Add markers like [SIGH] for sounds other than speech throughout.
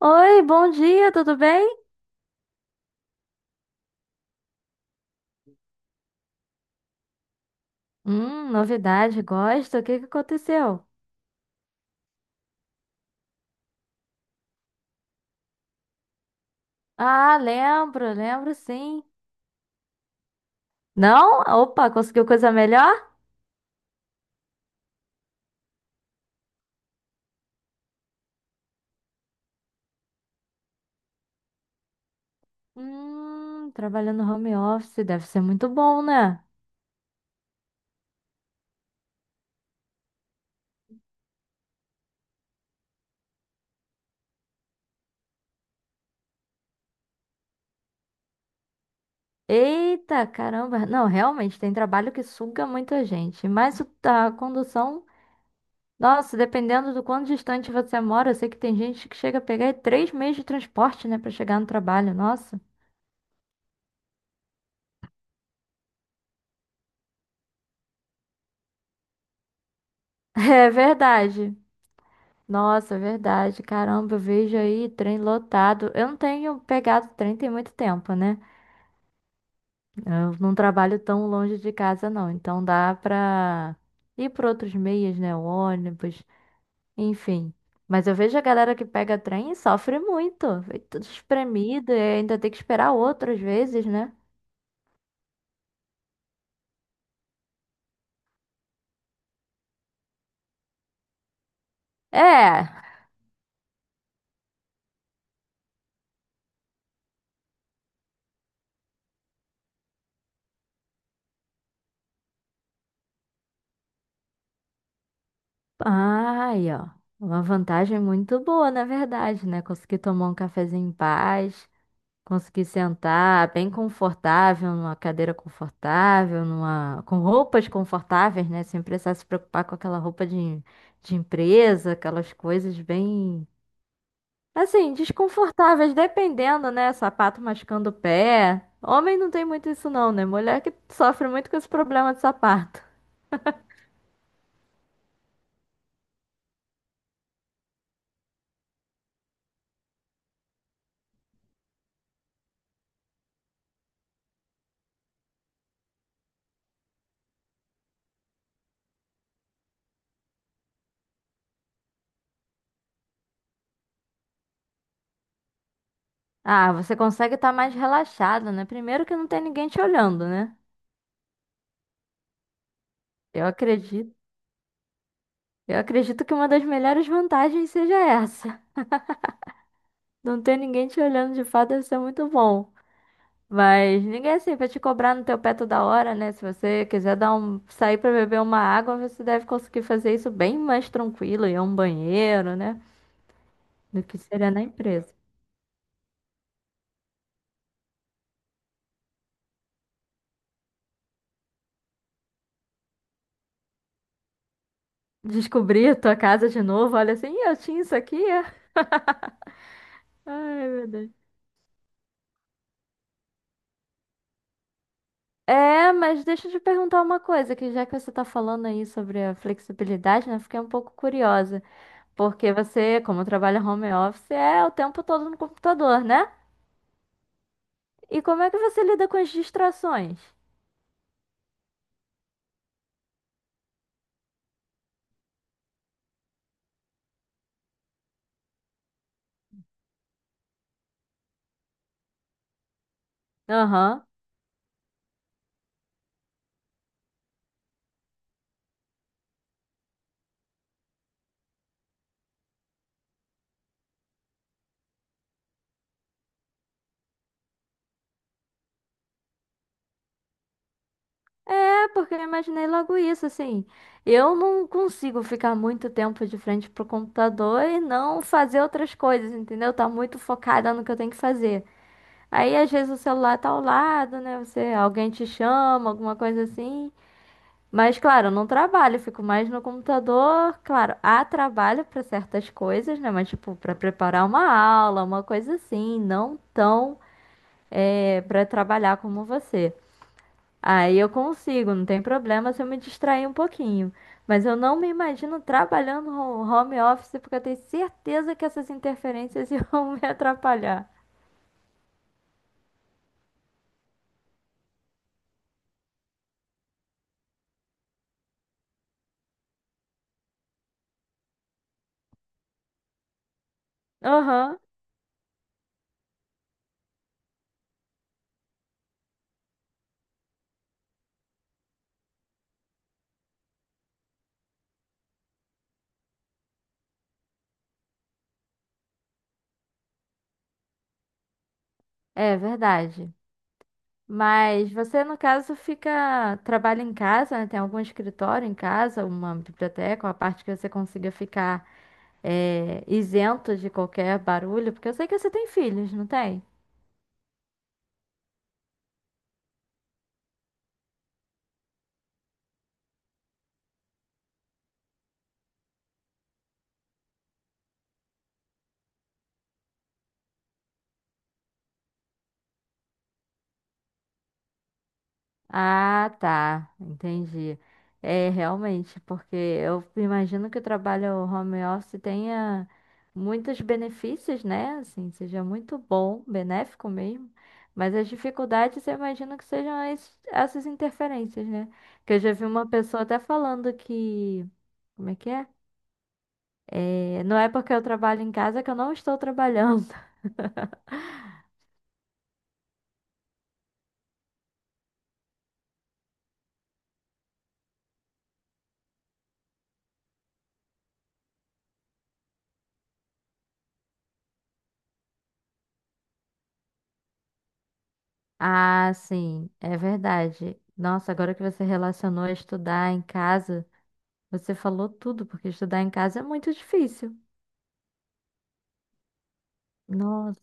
Oi, bom dia, tudo bem? Novidade, gosto. O que que aconteceu? Ah, lembro, lembro sim. Não? Opa, conseguiu coisa melhor? Trabalhando home office deve ser muito bom, né? Eita, caramba. Não, realmente, tem trabalho que suga muita gente. Mas a condução, nossa, dependendo do quanto distante você mora, eu sei que tem gente que chega a pegar três meses de transporte, né, pra chegar no trabalho. Nossa. [LAUGHS] É verdade. Nossa, é verdade. Caramba, eu vejo aí trem lotado. Eu não tenho pegado trem tem muito tempo, né? Eu não trabalho tão longe de casa, não. Então dá pra ir por outros meios, né? O ônibus, enfim. Mas eu vejo a galera que pega trem e sofre muito. Foi tudo espremido e ainda tem que esperar outras vezes, né? É. Ai, ó. Uma vantagem muito boa, na verdade, né? Conseguir tomar um cafezinho em paz. Consegui sentar bem confortável, numa cadeira confortável, numa com roupas confortáveis, né? Sem precisar se preocupar com aquela roupa de empresa, aquelas coisas bem, assim, desconfortáveis, dependendo, né? Sapato machucando o pé. Homem não tem muito isso não, né? Mulher que sofre muito com esse problema de sapato. Ah, você consegue estar mais relaxado, né? Primeiro que não tem ninguém te olhando, né? Eu acredito, eu acredito que uma das melhores vantagens seja essa. Não ter ninguém te olhando de fato deve ser muito bom. Mas ninguém é assim vai te cobrar no teu pé toda hora, né? Se você quiser dar um, sair pra beber uma água, você deve conseguir fazer isso bem mais tranquilo, ir a um banheiro, né? Do que seria na empresa. Descobrir a tua casa de novo, olha assim, "Ih, eu tinha isso aqui. É?" Ai, meu Deus. É, mas deixa eu te perguntar uma coisa, que já que você tá falando aí sobre a flexibilidade, né? Fiquei um pouco curiosa. Porque você, como trabalha home office, é o tempo todo no computador, né? E como é que você lida com as distrações? Aham. É, porque eu imaginei logo isso, assim. Eu não consigo ficar muito tempo de frente pro computador e não fazer outras coisas, entendeu? Tá muito focada no que eu tenho que fazer. Aí, às vezes, o celular tá ao lado, né? Você, alguém te chama, alguma coisa assim. Mas, claro, eu não trabalho, eu fico mais no computador. Claro, há trabalho para certas coisas, né? Mas, tipo, para preparar uma aula, uma coisa assim, não tão para trabalhar como você. Aí eu consigo, não tem problema se eu me distrair um pouquinho. Mas eu não me imagino trabalhando no home office porque eu tenho certeza que essas interferências [LAUGHS] iam me atrapalhar. Aham, é verdade. Mas você, no caso, fica, trabalha em casa, né? Tem algum escritório em casa, uma biblioteca, uma parte que você consiga ficar isento de qualquer barulho, porque eu sei que você tem filhos, não tem? Ah, tá, entendi. É, realmente, porque eu imagino que o trabalho home office tenha muitos benefícios, né? Assim, seja muito bom, benéfico mesmo. Mas as dificuldades, eu imagino que sejam essas interferências, né? Que eu já vi uma pessoa até falando que. Como é que é? É, não é porque eu trabalho em casa que eu não estou [LAUGHS] trabalhando. Ah, sim, é verdade. Nossa, agora que você relacionou a estudar em casa. Você falou tudo, porque estudar em casa é muito difícil. Nossa.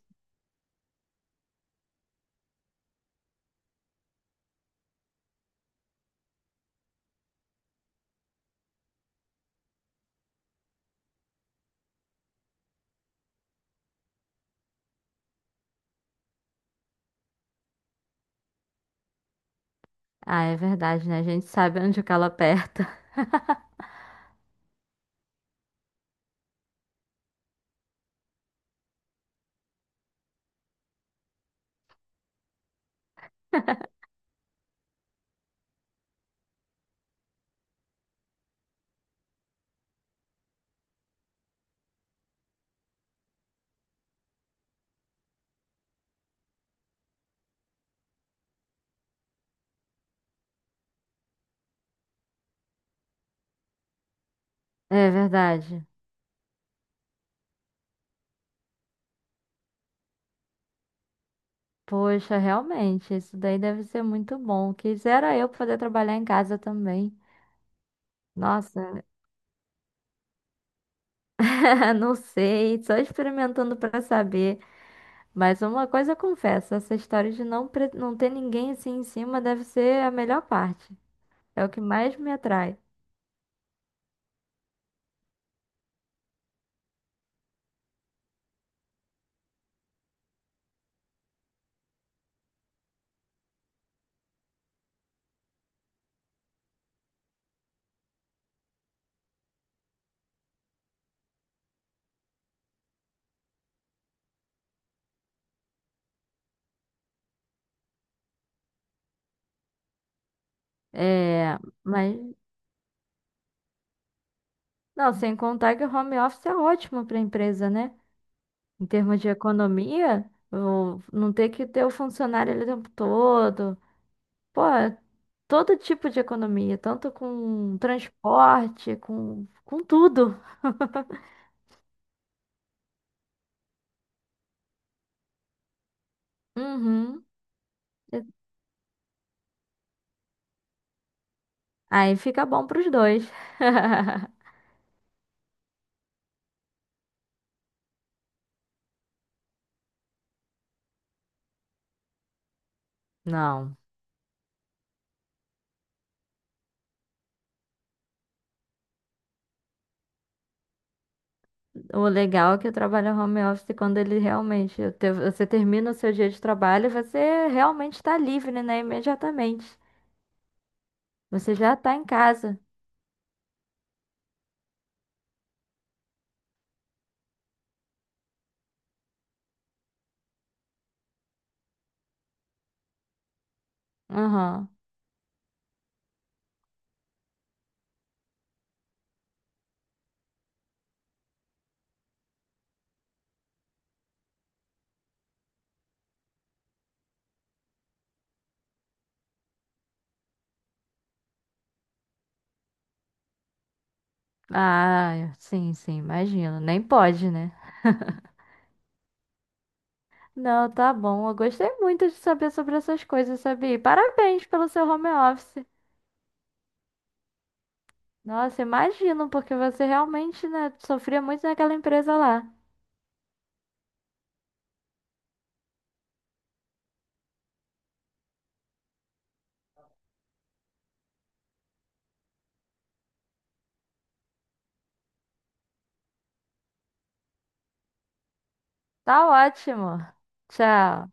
Ah, é verdade, né? A gente sabe onde o calo aperta. [LAUGHS] É verdade. Poxa, realmente, isso daí deve ser muito bom. Quisera eu poder trabalhar em casa também. Nossa, [LAUGHS] não sei, só experimentando para saber. Mas uma coisa eu confesso, essa história de não, não ter ninguém assim em cima deve ser a melhor parte. É o que mais me atrai. É, mas não, sem contar que o home office é ótimo para a empresa, né? Em termos de economia, não ter que ter o funcionário ali o tempo todo. Pô, é todo tipo de economia, tanto com transporte, com tudo. Uhum. Aí fica bom para os dois. [LAUGHS] Não. O legal é que o trabalho home office, quando ele realmente você termina o seu dia de trabalho, você realmente está livre, né? Imediatamente. Você já está em casa. Aham. Ah, sim, sim, imagino. Nem pode, né? Não, tá bom. Eu gostei muito de saber sobre essas coisas, sabia? E parabéns pelo seu home office. Nossa, imagino, porque você realmente, né, sofria muito naquela empresa lá. Tá ótimo. Tchau.